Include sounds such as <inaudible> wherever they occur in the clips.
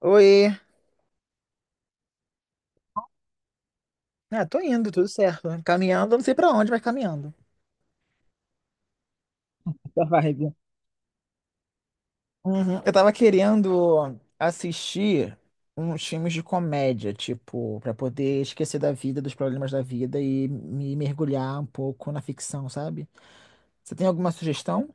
Oi. Ah, tô indo, tudo certo. Caminhando, não sei pra onde, mas caminhando. Essa vibe. Uhum. Eu tava querendo assistir uns filmes de comédia, tipo, pra poder esquecer da vida, dos problemas da vida e me mergulhar um pouco na ficção, sabe? Você tem alguma sugestão?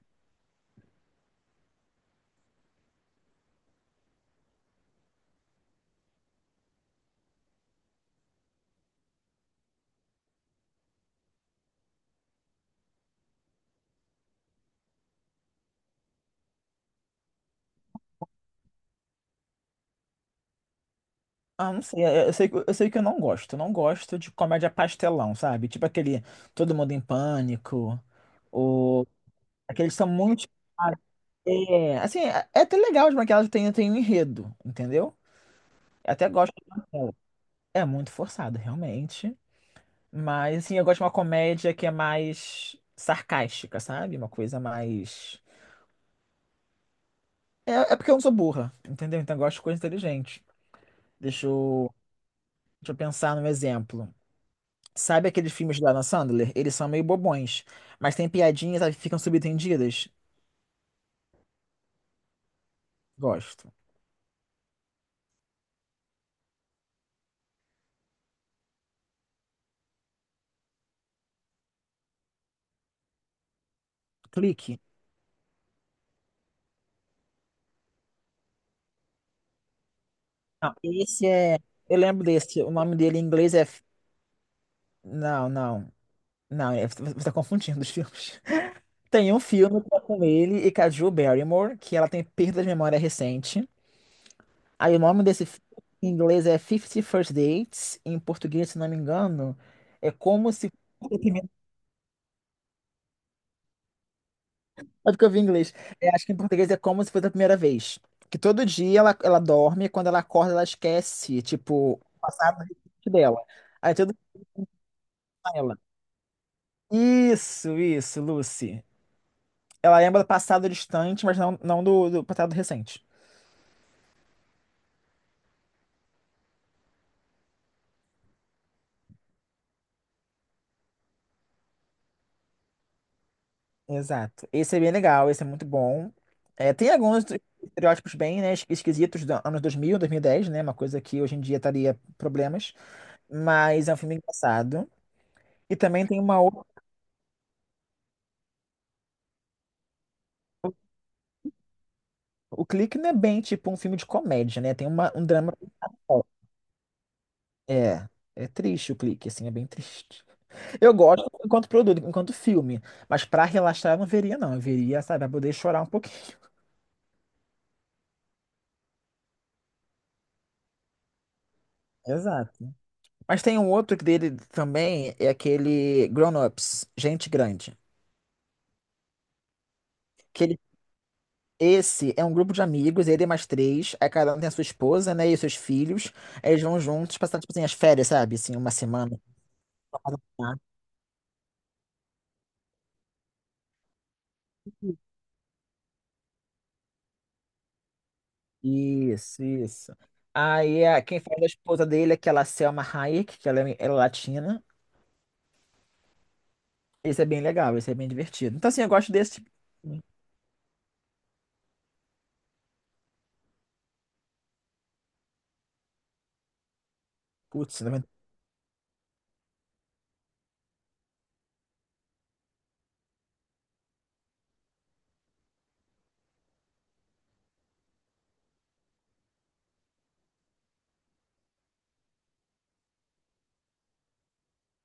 Ah, não sei. Eu sei, eu sei que eu não gosto. Eu não gosto de comédia pastelão, sabe? Tipo aquele Todo Mundo em Pânico, ou aqueles são muito. É, assim, é até legal de que ela tem, tem um enredo, entendeu? Eu até gosto dela. É muito forçado, realmente. Mas, assim, eu gosto de uma comédia que é mais sarcástica, sabe? Uma coisa mais. É, é porque eu não sou burra, entendeu? Então eu gosto de coisa inteligente. Deixa eu, deixa eu pensar num exemplo. Sabe aqueles filmes da Adam Sandler? Eles são meio bobões, mas tem piadinhas, sabe, que ficam subentendidas. Gosto. Clique. Não, esse é. Eu lembro desse. O nome dele em inglês é. Não, não. Não, é- você tá confundindo os filmes. <laughs> Tem um filme que é com ele e com a Drew Barrymore, que ela tem perda de memória recente. Aí o nome desse filme em inglês é Fifty First Dates, em português, se não me engano, é como se. fosse a primeira- <laughs> Sabe que eu vi em inglês? É, acho que em português é como se fosse a primeira vez. Que todo dia ela dorme, e quando ela acorda, ela esquece, tipo, o passado recente dela. Aí tudo com ela. Isso, Lucy. Ela lembra do passado distante, mas não, não do passado recente. Exato. Esse é bem legal, esse é muito bom. É, tem alguns estereótipos bem, né, esquisitos dos anos 2000, dez né? Uma coisa que hoje em dia estaria problemas, mas é um filme engraçado. E também tem uma outra. O Clique não é bem tipo um filme de comédia, né? Tem uma, um drama. É, é triste o Clique, assim, é bem triste. Eu gosto enquanto produto, enquanto filme, mas pra relaxar eu não veria, não. Eu veria, sabe, pra poder chorar um pouquinho. Exato. Mas tem um outro que dele também, é aquele Grown Ups, Gente Grande. Esse é um grupo de amigos, ele e mais três, aí cada um tem a sua esposa, né, e seus filhos, aí eles vão juntos passar, tipo assim, as férias, sabe? Assim, uma semana. Isso, isso. Quem faz a esposa dele é aquela Selma Hayek, que ela é latina. Esse é bem legal, esse é bem divertido. Então, assim, eu gosto desse. Putz, 90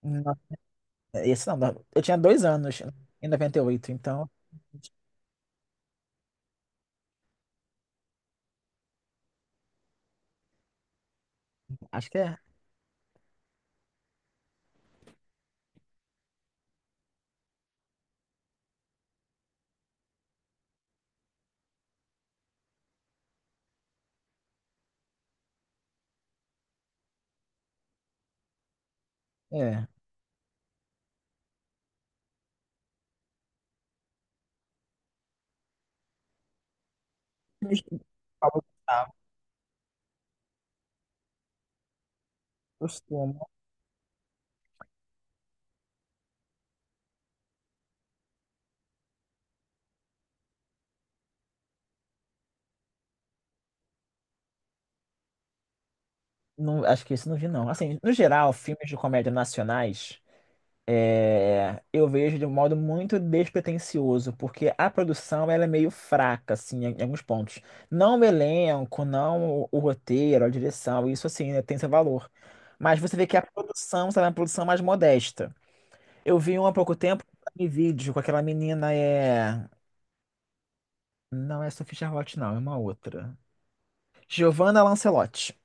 não, esse não, não. Eu tinha dois anos em 98 então acho que é. É. Filmes que eu gostava, costumo. Não, acho que isso não vi, não. Assim, no geral, filmes de comédia nacionais. É, eu vejo de um modo muito despretensioso, porque a produção ela é meio fraca, assim, em alguns pontos. Não o elenco, não o roteiro, a direção, isso assim, né, tem seu valor. Mas você vê que a produção, sabe, é uma produção mais modesta. Eu vi um há pouco tempo, um vídeo com aquela menina, não é Sophie Charlotte, não, é uma outra. Giovanna Lancelotti,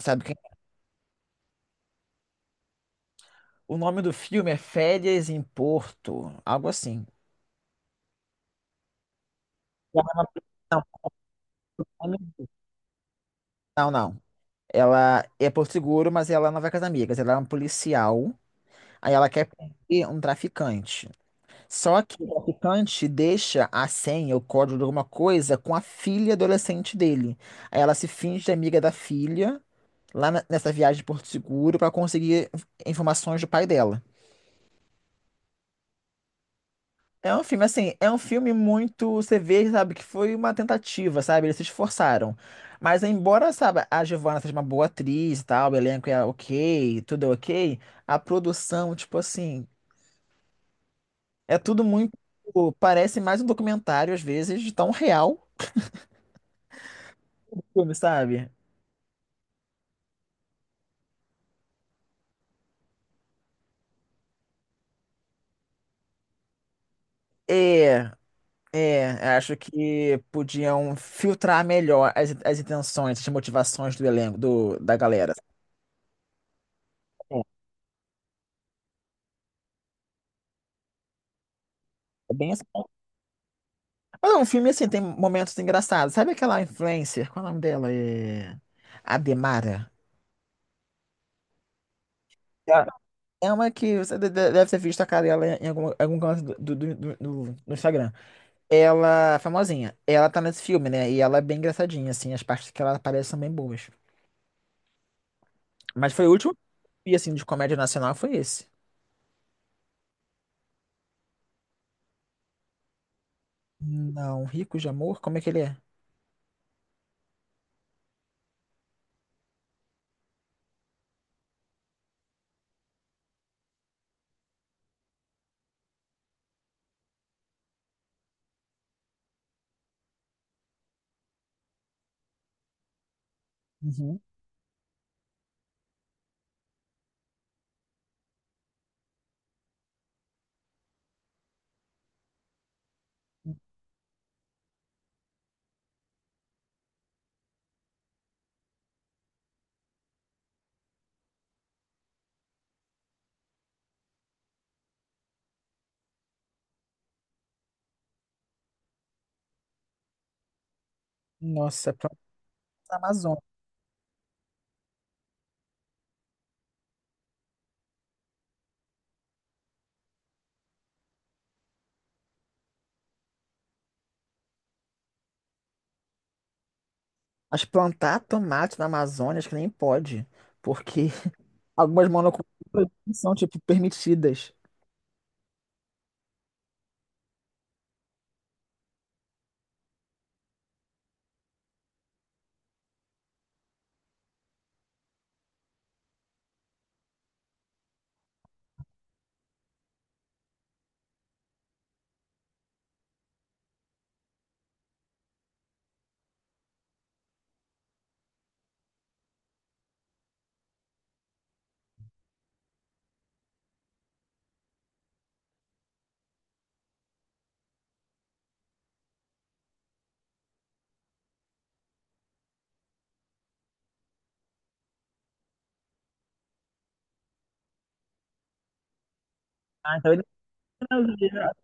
sabe quem é? O nome do filme é Férias em Porto, algo assim. Ela é uma- Não, não, não. Ela é por seguro, mas ela não vai com as amigas. Ela é um policial. Aí ela quer prender um traficante. Só que o traficante deixa a senha, o código de alguma coisa, com a filha adolescente dele. Aí ela se finge de amiga da filha, nessa viagem de Porto Seguro, para conseguir informações do pai dela. É um filme, assim, é um filme muito. Você vê, sabe, que foi uma tentativa, sabe? Eles se esforçaram. Mas, embora, sabe, a Giovanna seja uma boa atriz e tal, o elenco é ok, tudo é ok, a produção, tipo assim, é tudo muito. Parece mais um documentário, às vezes, de tão real o filme, sabe? É, é, acho que podiam as intenções, as motivações do elenco, da galera. É, é bem assim. Mas o filme, assim, tem momentos engraçados. Sabe aquela influencer? Qual é o nome dela? Ademara. Ah, é uma que você deve ter visto a cara dela em algum, algum canto do Instagram. Ela, famosinha, ela tá nesse filme, né? E ela é bem engraçadinha, assim, as partes que ela aparece são bem boas. Mas foi o último filme, assim, de comédia nacional foi esse. Não, Rico de Amor, como é que ele é? Uhum. Nossa, Planeta Amazônia. Mas plantar tomate na Amazônia, acho que nem pode, porque <laughs> algumas monoculturas são, tipo, permitidas. Ah, então ele... é brasileiro.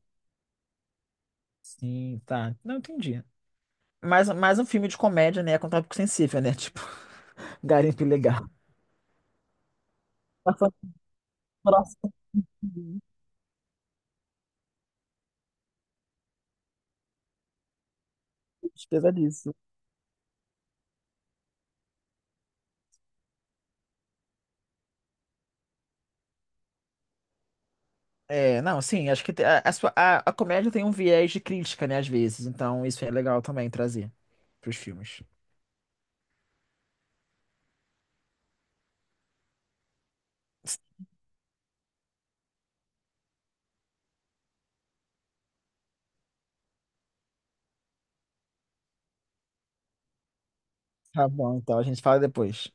Sim, tá. Não entendi. Mais, mais um filme de comédia, né? Com tópico sensível, né? Tipo, <laughs> garimpo ilegal. Passando por assuntos despesa disso. É, não, sim, acho que a, a comédia tem um viés de crítica, né, às vezes. Então, isso é legal também trazer pros filmes. Tá bom, então a gente fala depois.